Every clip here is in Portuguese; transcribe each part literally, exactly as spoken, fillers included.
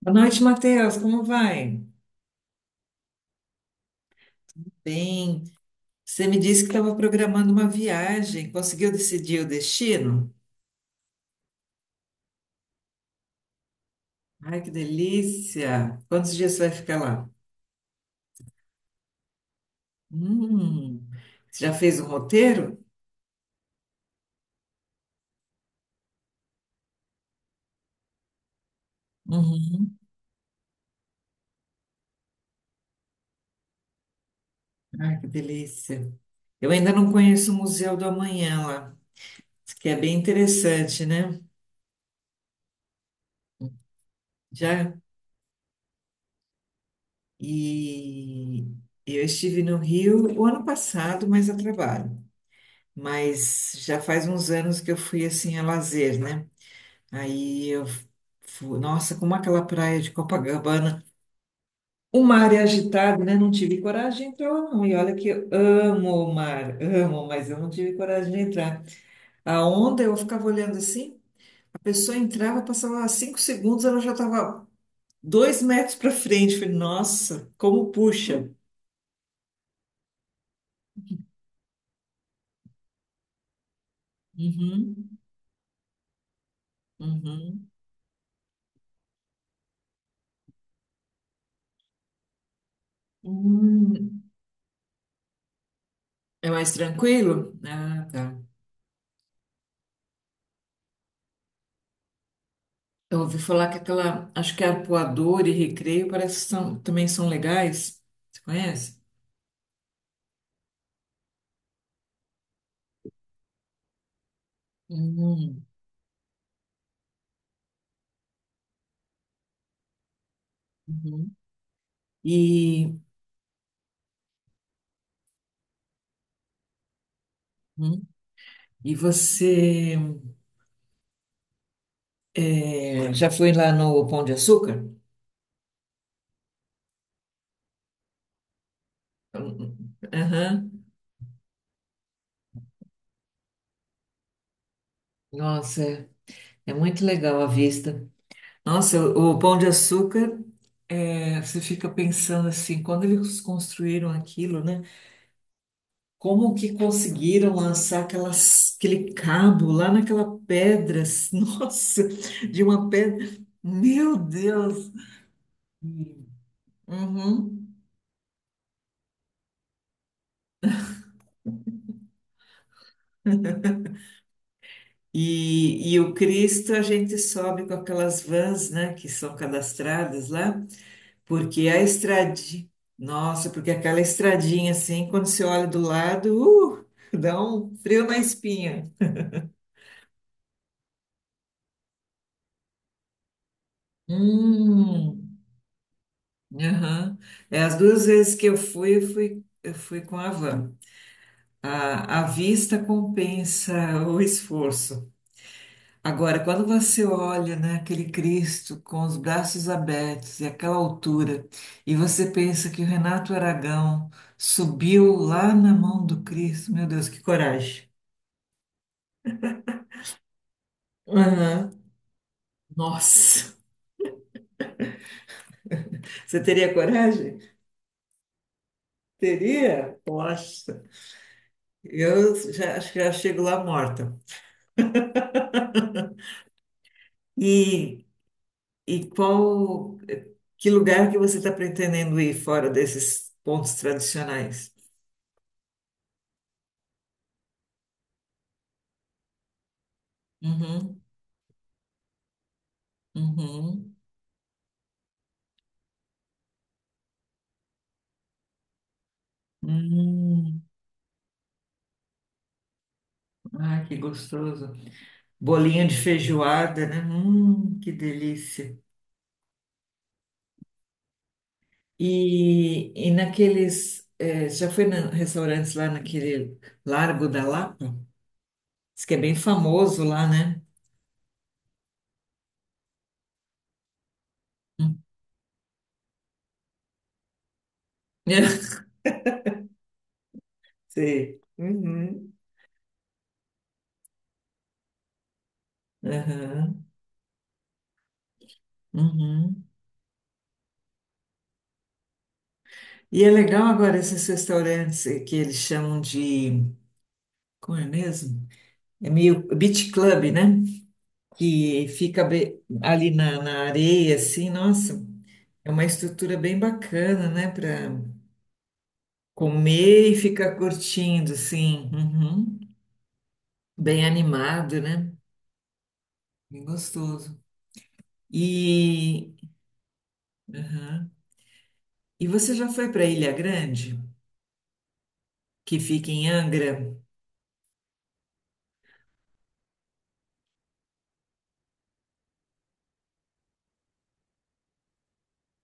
Boa noite, Matheus. Como vai? Bem, você me disse que estava programando uma viagem. Conseguiu decidir o destino? Ai, que delícia! Quantos dias você vai ficar lá? Hum, você já fez o roteiro? Uhum. Ai, que delícia! Eu ainda não conheço o Museu do Amanhã lá, que é bem interessante, né? Já? E eu estive no Rio o ano passado, mas a trabalho. Mas já faz uns anos que eu fui assim a lazer, né? Aí eu fui, nossa, como aquela praia de Copacabana, o mar é agitado, né? Não tive coragem de entrar lá, não. E olha que eu amo o mar, amo, mas eu não tive coragem de entrar. A onda, eu ficava olhando assim, a pessoa entrava, passava cinco segundos, ela já estava dois metros para frente. Eu falei, nossa, como puxa. Uhum, uhum. Hum, é mais tranquilo? Ah, tá. Eu ouvi falar que aquela, acho que Arpoador e Recreio parece que são, também são legais. Você conhece? Hum, uhum. E, uhum. E você é, já foi lá no Pão de Açúcar? Aham. Nossa, é é muito legal a vista. Nossa, o o Pão de Açúcar, é, você fica pensando assim, quando eles construíram aquilo, né? Como que conseguiram lançar aquelas, aquele cabo lá naquela pedra? Nossa, de uma pedra. Meu Deus! Uhum. E, e o Cristo a gente sobe com aquelas vans, né, que são cadastradas lá, porque a estradinha, nossa, porque aquela estradinha assim, quando você olha do lado, uh, dá um frio na espinha. Hum, aham. É, as duas vezes que eu fui, eu fui, eu fui com a van. A, a vista compensa o esforço. Agora, quando você olha, né, aquele Cristo com os braços abertos e aquela altura, e você pensa que o Renato Aragão subiu lá na mão do Cristo, meu Deus, que coragem! Aham. Nossa. Você teria coragem? Teria? Poxa, eu já, acho que já chego lá morta. E e qual, que lugar que você está pretendendo ir fora desses pontos tradicionais? Uhum, uhum. Hum, ah, que gostoso. Bolinho de feijoada, né? Hum, que delícia. E, e naqueles, eh, já foi na restaurantes lá naquele Largo da Lapa? Diz que é bem famoso lá, né? Hum. Sei. Uhum. Aham. Uhum. E é legal agora esses restaurantes eh, que eles chamam de, como é mesmo? É meio beach club, né? Que fica be- ali na, na areia, assim, nossa, é uma estrutura bem bacana, né? Para comer e ficar curtindo, assim, uhum. Bem animado, né? Bem gostoso. E, aham. E você já foi para Ilha Grande, que fica em Angra?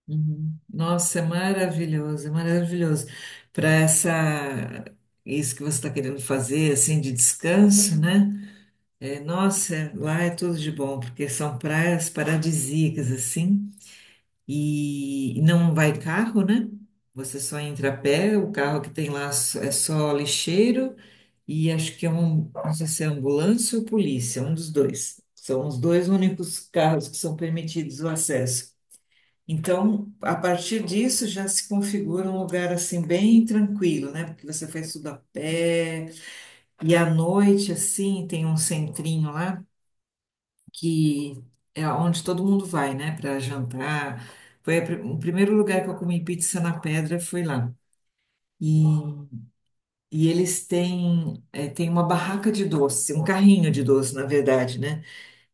Uhum. Nossa, é maravilhoso, é maravilhoso. Para essa, isso que você está querendo fazer, assim, de descanso, né? É, nossa, lá é tudo de bom, porque são praias paradisíacas, assim, e não vai carro, né? Você só entra a pé, o carro que tem lá só- é só lixeiro, e acho que é um, não sei se é ambulância ou polícia, um dos dois. São os dois únicos carros que são permitidos o acesso. Então, a partir disso já se configura um lugar assim bem tranquilo, né? Porque você faz tudo a pé e à noite assim tem um centrinho lá que é onde todo mundo vai, né? Para jantar. Foi a pri- o primeiro lugar que eu comi pizza na pedra foi lá. E, e eles têm, é, tem uma barraca de doce, um carrinho de doce, na verdade, né?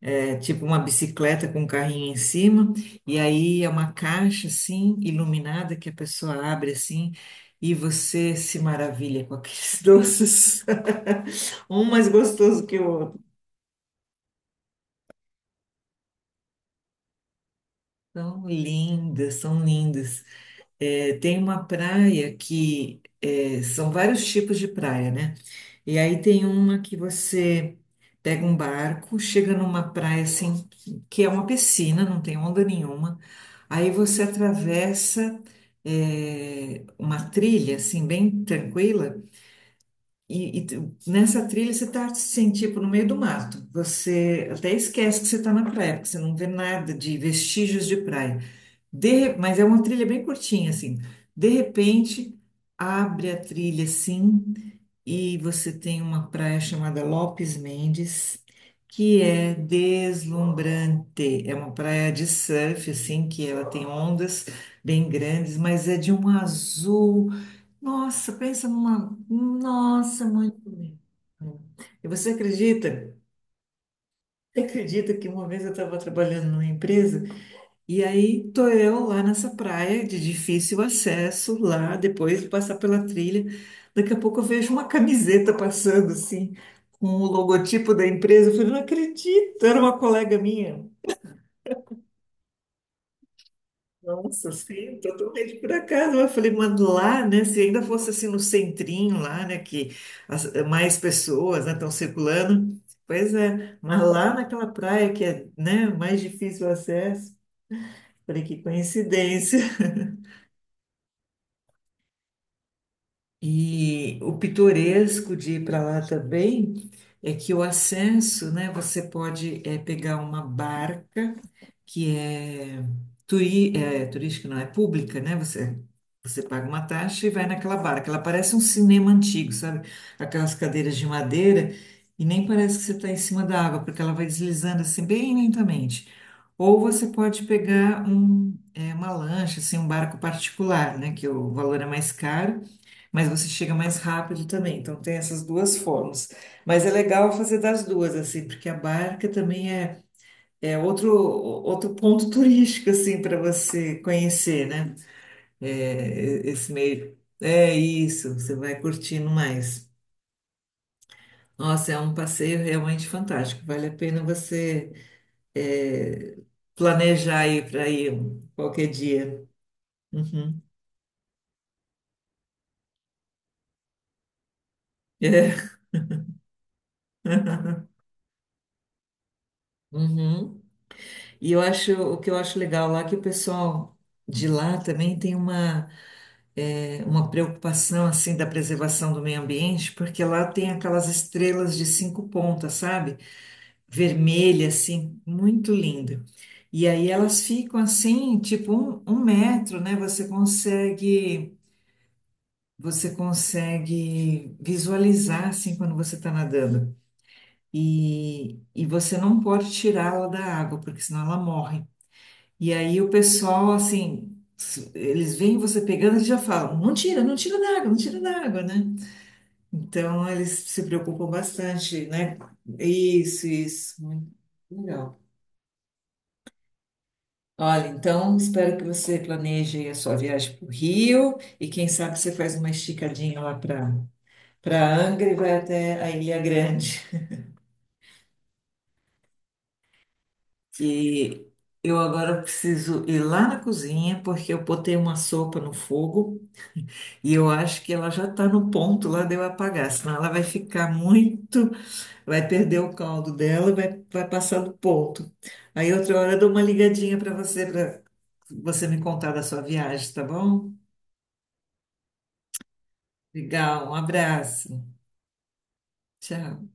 É tipo uma bicicleta com um carrinho em cima, e aí é uma caixa assim, iluminada, que a pessoa abre assim, e você se maravilha com aqueles doces, um mais gostoso que o outro. São lindas, são lindas. É, tem uma praia que é, são vários tipos de praia, né? E aí tem uma que você pega um barco, chega numa praia assim, que é uma piscina, não tem onda nenhuma. Aí você atravessa é, uma trilha assim, bem tranquila. E, e tu- nessa trilha você tá assim, tipo, no meio do mato. Você até esquece que você tá na praia, porque você não vê nada de vestígios de praia. De, mas é uma trilha bem curtinha, assim. De repente, abre a trilha, assim, e você tem uma praia chamada Lopes Mendes, que é deslumbrante. É uma praia de surf, assim, que ela tem ondas bem grandes, mas é de um azul. Nossa, pensa numa. Nossa, muito lindo. E você acredita? Você acredita que uma vez eu estava trabalhando numa empresa? E aí tô eu lá nessa praia de difícil acesso, lá depois de passar pela trilha. Daqui a pouco eu vejo uma camiseta passando assim, com o logotipo da empresa. Eu falei, não acredito, era uma colega minha. Nossa, sim, totalmente por acaso. Eu falei, mas lá, né? Se ainda fosse assim no centrinho lá, né? Que as- mais pessoas, né, estão circulando. Pois é, mas lá naquela praia que é, né, mais difícil o acesso. Falei, que coincidência. E o pitoresco de ir para lá também é que o ascenso, né, você pode eh, pegar uma barca que é, turi, é turística, não é pública, né? Você, você paga uma taxa e vai naquela barra, que ela parece um cinema antigo, sabe? Aquelas cadeiras de madeira, e nem parece que você está em cima da água, porque ela vai deslizando assim bem lentamente. Ou você pode pegar um, é, uma lancha, assim, um barco particular, né? Que o valor é mais caro, mas você chega mais rápido também. Então tem essas duas formas. Mas é legal fazer das duas, assim, porque a barca também é é outro, outro ponto turístico, assim, para você conhecer, né? É, esse meio. É isso, você vai curtindo mais. Nossa, é um passeio realmente fantástico. Vale a pena você é, planejar aí para ir qualquer dia. Uhum. É. Uhum. E eu acho, o que eu acho legal lá é que o pessoal de lá também tem uma. É, uma preocupação assim da preservação do meio ambiente, porque lá tem aquelas estrelas de cinco pontas, sabe? Vermelha, assim, muito linda. E aí elas ficam assim, tipo um, um metro, né? Você consegue, você consegue visualizar assim quando você está nadando. E, e você não pode tirá-la da água, porque senão ela morre. E aí o pessoal, assim, s- eles veem você pegando e já falam, não tira, não tira da água, não tira da água, né? Então, eles se preocupam bastante, né? Isso, isso. Muito legal. Olha, então, espero que você planeje aí a sua viagem para o Rio e quem sabe você faz uma esticadinha lá para para Angra e vai até a Ilha Grande. E eu agora preciso ir lá na cozinha porque eu botei uma sopa no fogo e eu acho que ela já está no ponto lá de eu apagar, senão ela vai ficar muito vai perder o caldo dela e vai, vai passar do ponto. Aí outra hora eu dou uma ligadinha para você, para você me contar da sua viagem, tá bom? Legal, um abraço. Tchau.